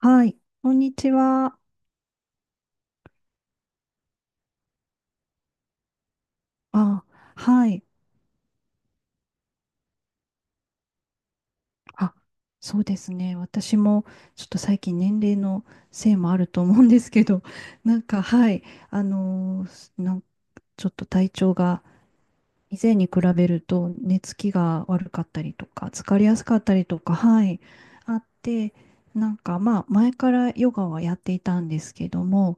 はい、こんにちは。あ、はい。あ、そうですね。私もちょっと最近年齢のせいもあると思うんですけど、なんか、はい、あのーなんちょっと体調が以前に比べると寝つきが悪かったりとか、疲れやすかったりとか、はい、あって、なんかまあ前からヨガはやっていたんですけども、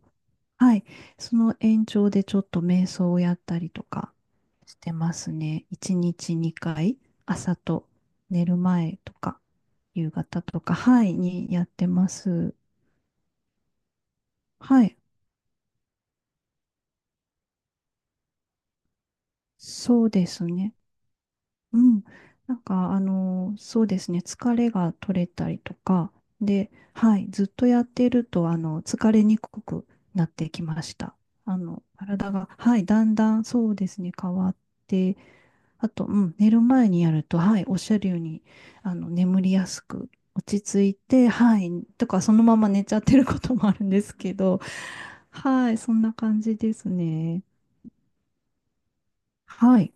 はい。その延長でちょっと瞑想をやったりとかしてますね。1日2回、朝と寝る前とか、夕方とか、はい、にやってます。はい。そうですね。うん。なんか、あの、そうですね、疲れが取れたりとか、で、はい、ずっとやっていると、あの、疲れにくくなってきました。あの、体が、はい、だんだんそうですね、変わって、あと、うん、寝る前にやると、はい、おっしゃるように、あの、眠りやすく、落ち着いて、はい、とか、そのまま寝ちゃってることもあるんですけど、はい、そんな感じですね。はい。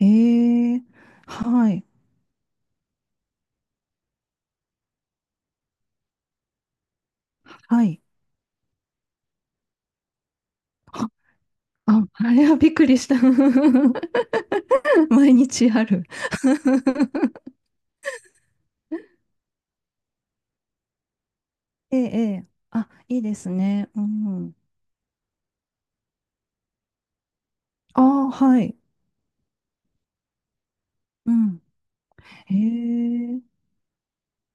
えー、はい、はい。あ、あれはびっくりした。毎日ある。ええ、ええ。あ、いいですね。うん。ああ、はい。うん。へえ、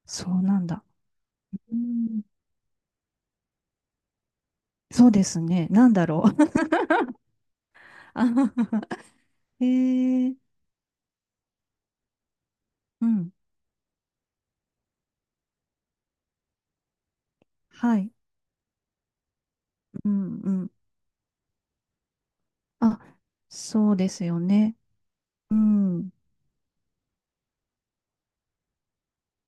そうなんだ。うん。そうですね。なんだろう。あははへえ、うん。はい。うん、うん。あ、そうですよね。うん。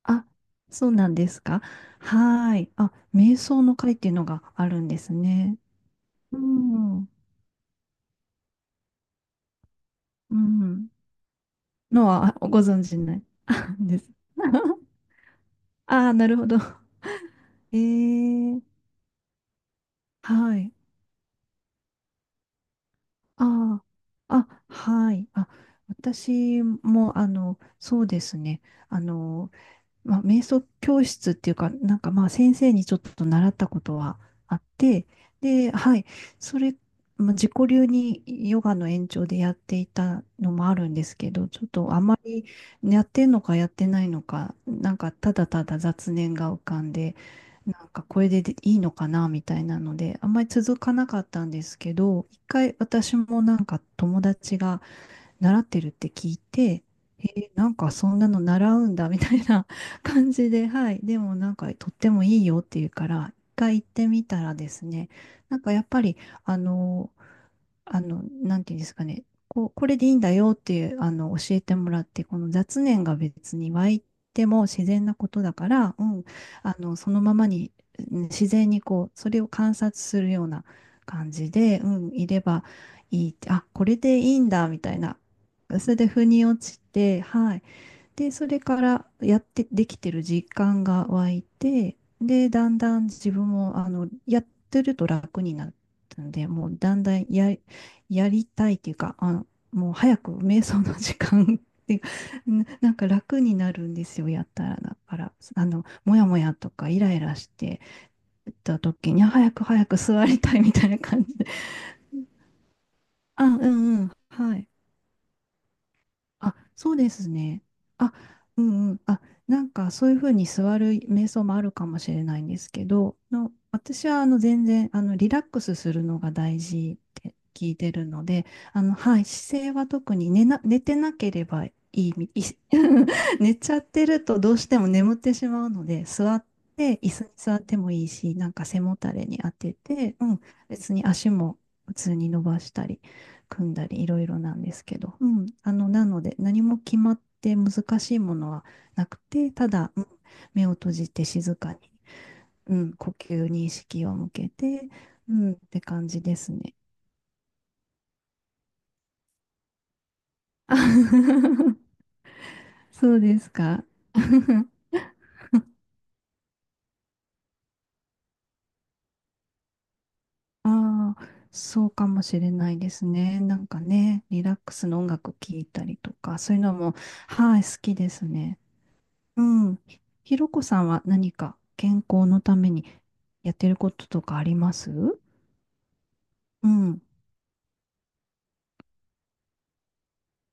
あ、そうなんですか。はーい。あ、瞑想の会っていうのがあるんですね。うん。うん。のはご存知ない です。ああ、なるほど。ええはい。ああ、あ、はい。あ、私も、あの、そうですね。あの、まあ、瞑想教室っていうか、なんかまあ先生にちょっと習ったことはあって、で、はい、それ、まあ、自己流にヨガの延長でやっていたのもあるんですけど、ちょっとあまりやってんのかやってないのか、なんかただただ雑念が浮かんで、なんかこれでいいのかなみたいなので、あんまり続かなかったんですけど、一回私もなんか友達が習ってるって聞いて、えーなんかそんなの習うんだみたいな 感じで、はい。でもなんかとってもいいよっていうから、一回行ってみたらですね、なんかやっぱり、あの、なんていうんですかね、こう、これでいいんだよっていう、あの、教えてもらって、この雑念が別に湧いても自然なことだから、うん、あの、そのままに、うん自然にこう、それを観察するような感じで、うん、いればいいって、あ、これでいいんだ、みたいな、それで腑に落ちて、はい。で、それからやってできてる実感が湧いて、で、だんだん自分も、あの、やってると楽になったんで、もうだんだんや、やりたいっていうか、あの、もう早く瞑想の時間っていうか、んか楽になるんですよ、やったら。だから、あの、もやもやとかイライラしてた時に、あ早く早く座りたいみたいな感じで、あ、うんうん、はい。あ、そうですね。あ、うんうん。あ、なんかそういうふうに座る瞑想もあるかもしれないんですけど、の、私はあの全然あのリラックスするのが大事って聞いてるので、あの、はい、姿勢は特に寝てなければいいみ、い 寝ちゃってるとどうしても眠ってしまうので、座って、椅子に座ってもいいし、なんか背もたれに当てて、うん、別に足も普通に伸ばしたり。組んだりいろいろなんですけど、うん、あの、なので何も決まって難しいものはなくて、ただ、うん、目を閉じて静かに、うん、呼吸に意識を向けて、うん、って感じですね。そうですか。ああ、そうかもしれないですね。なんかね、リラックスの音楽聴いたりとか、そういうのも、はい、好きですね。うん。ひひろこさんは何か健康のためにやってることとかあります？うん。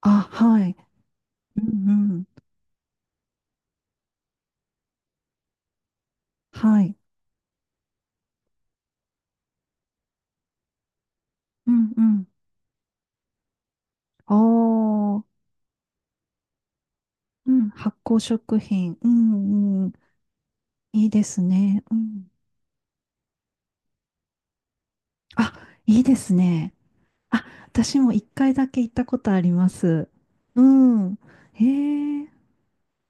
あ、はい。うんうん。はい。うんうん。ああ。うん。発酵食品。うんうん。いいですね。うん。あ、いいですね。あ、私も一回だけ行ったことあります。うん。へえ。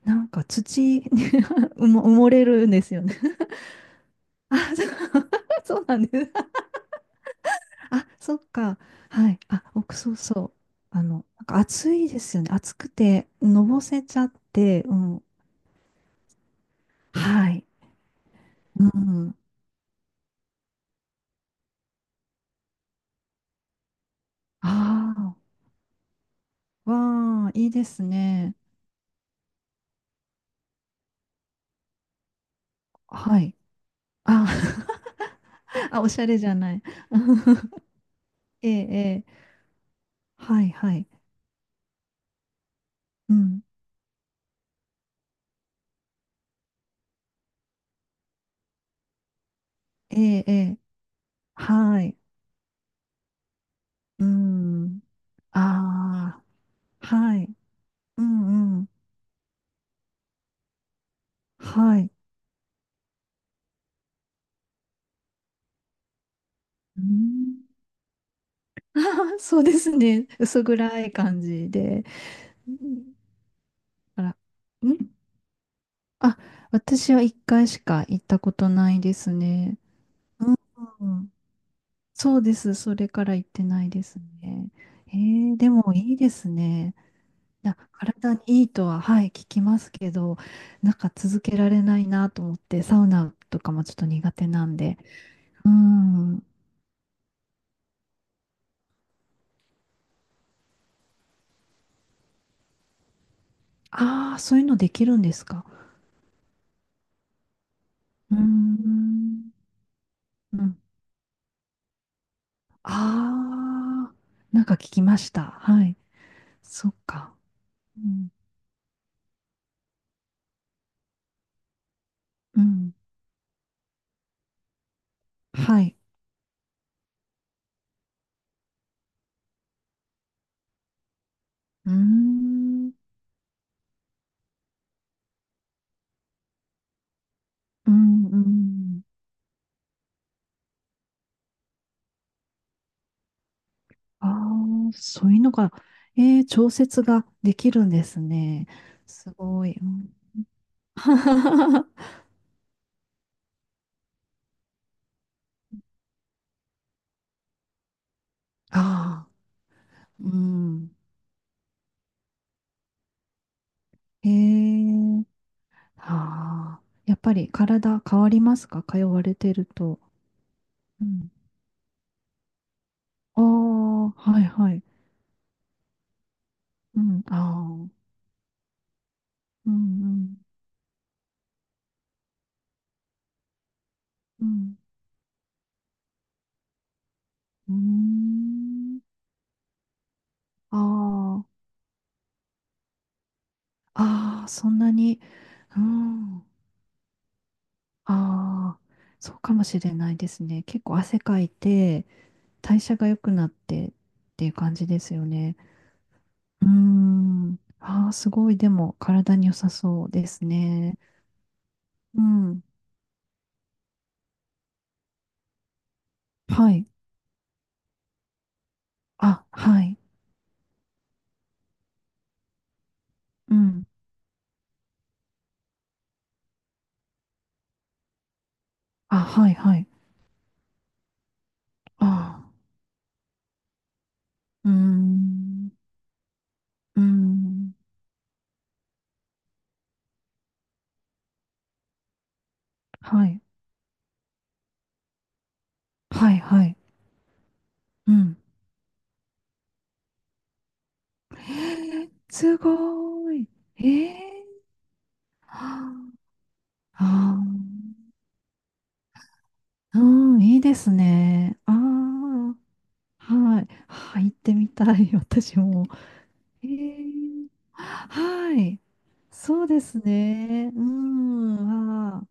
なんか土に 埋もれるんですよね。あ、そう そうなんです。あ、そっか。はい。あ、僕、そうそう。あの、なんか暑いですよね。暑くて、のぼせちゃって、うん。はい。うん。ああ、わあ、いいですね。はい。あ、あ、おしゃれじゃない。ええ、ええ。はい、はい。うん。ええ、ええ。はい。うん。ああ、はい。うん、うん。はい。うん。そうですね。薄暗い感じで。うんあら、んあ、私は一回しか行ったことないですね。うんそうです。それから行ってないですね。えー、でもいいですね。な、体にいいとは、はい、聞きますけど、なんか続けられないなと思って、サウナとかもちょっと苦手なんで。うん。ああ、そういうのできるんですか。うーん。うん。ああ、なんか聞きました。はい。そっか。うんうん。はい。うーん。うん、うん。ああ、そういうのが、えー、調節ができるんですね。すごい。うん ああ、うん。へえ。ああ。やっぱり体変わりますか？通われてると。うん。ああ、はいはい。うん。ああ。うんうん。うん。うーん。ああ。ああ、そんなに。うん。ああ、そうかもしれないですね。結構汗かいて、代謝が良くなってっていう感じですよね。うーん。ああ、すごい。でも、体に良さそうですね。うん。はい。あ、はい。うん。あ、はい、はい。ああ。うーん。うーん。はい。はい、はい。うん。えー、すごい。えー、はああー。うん、いいですね。ああ。はい。はい、行ってみたい、私も。えー、はい。そうですね。うん。あ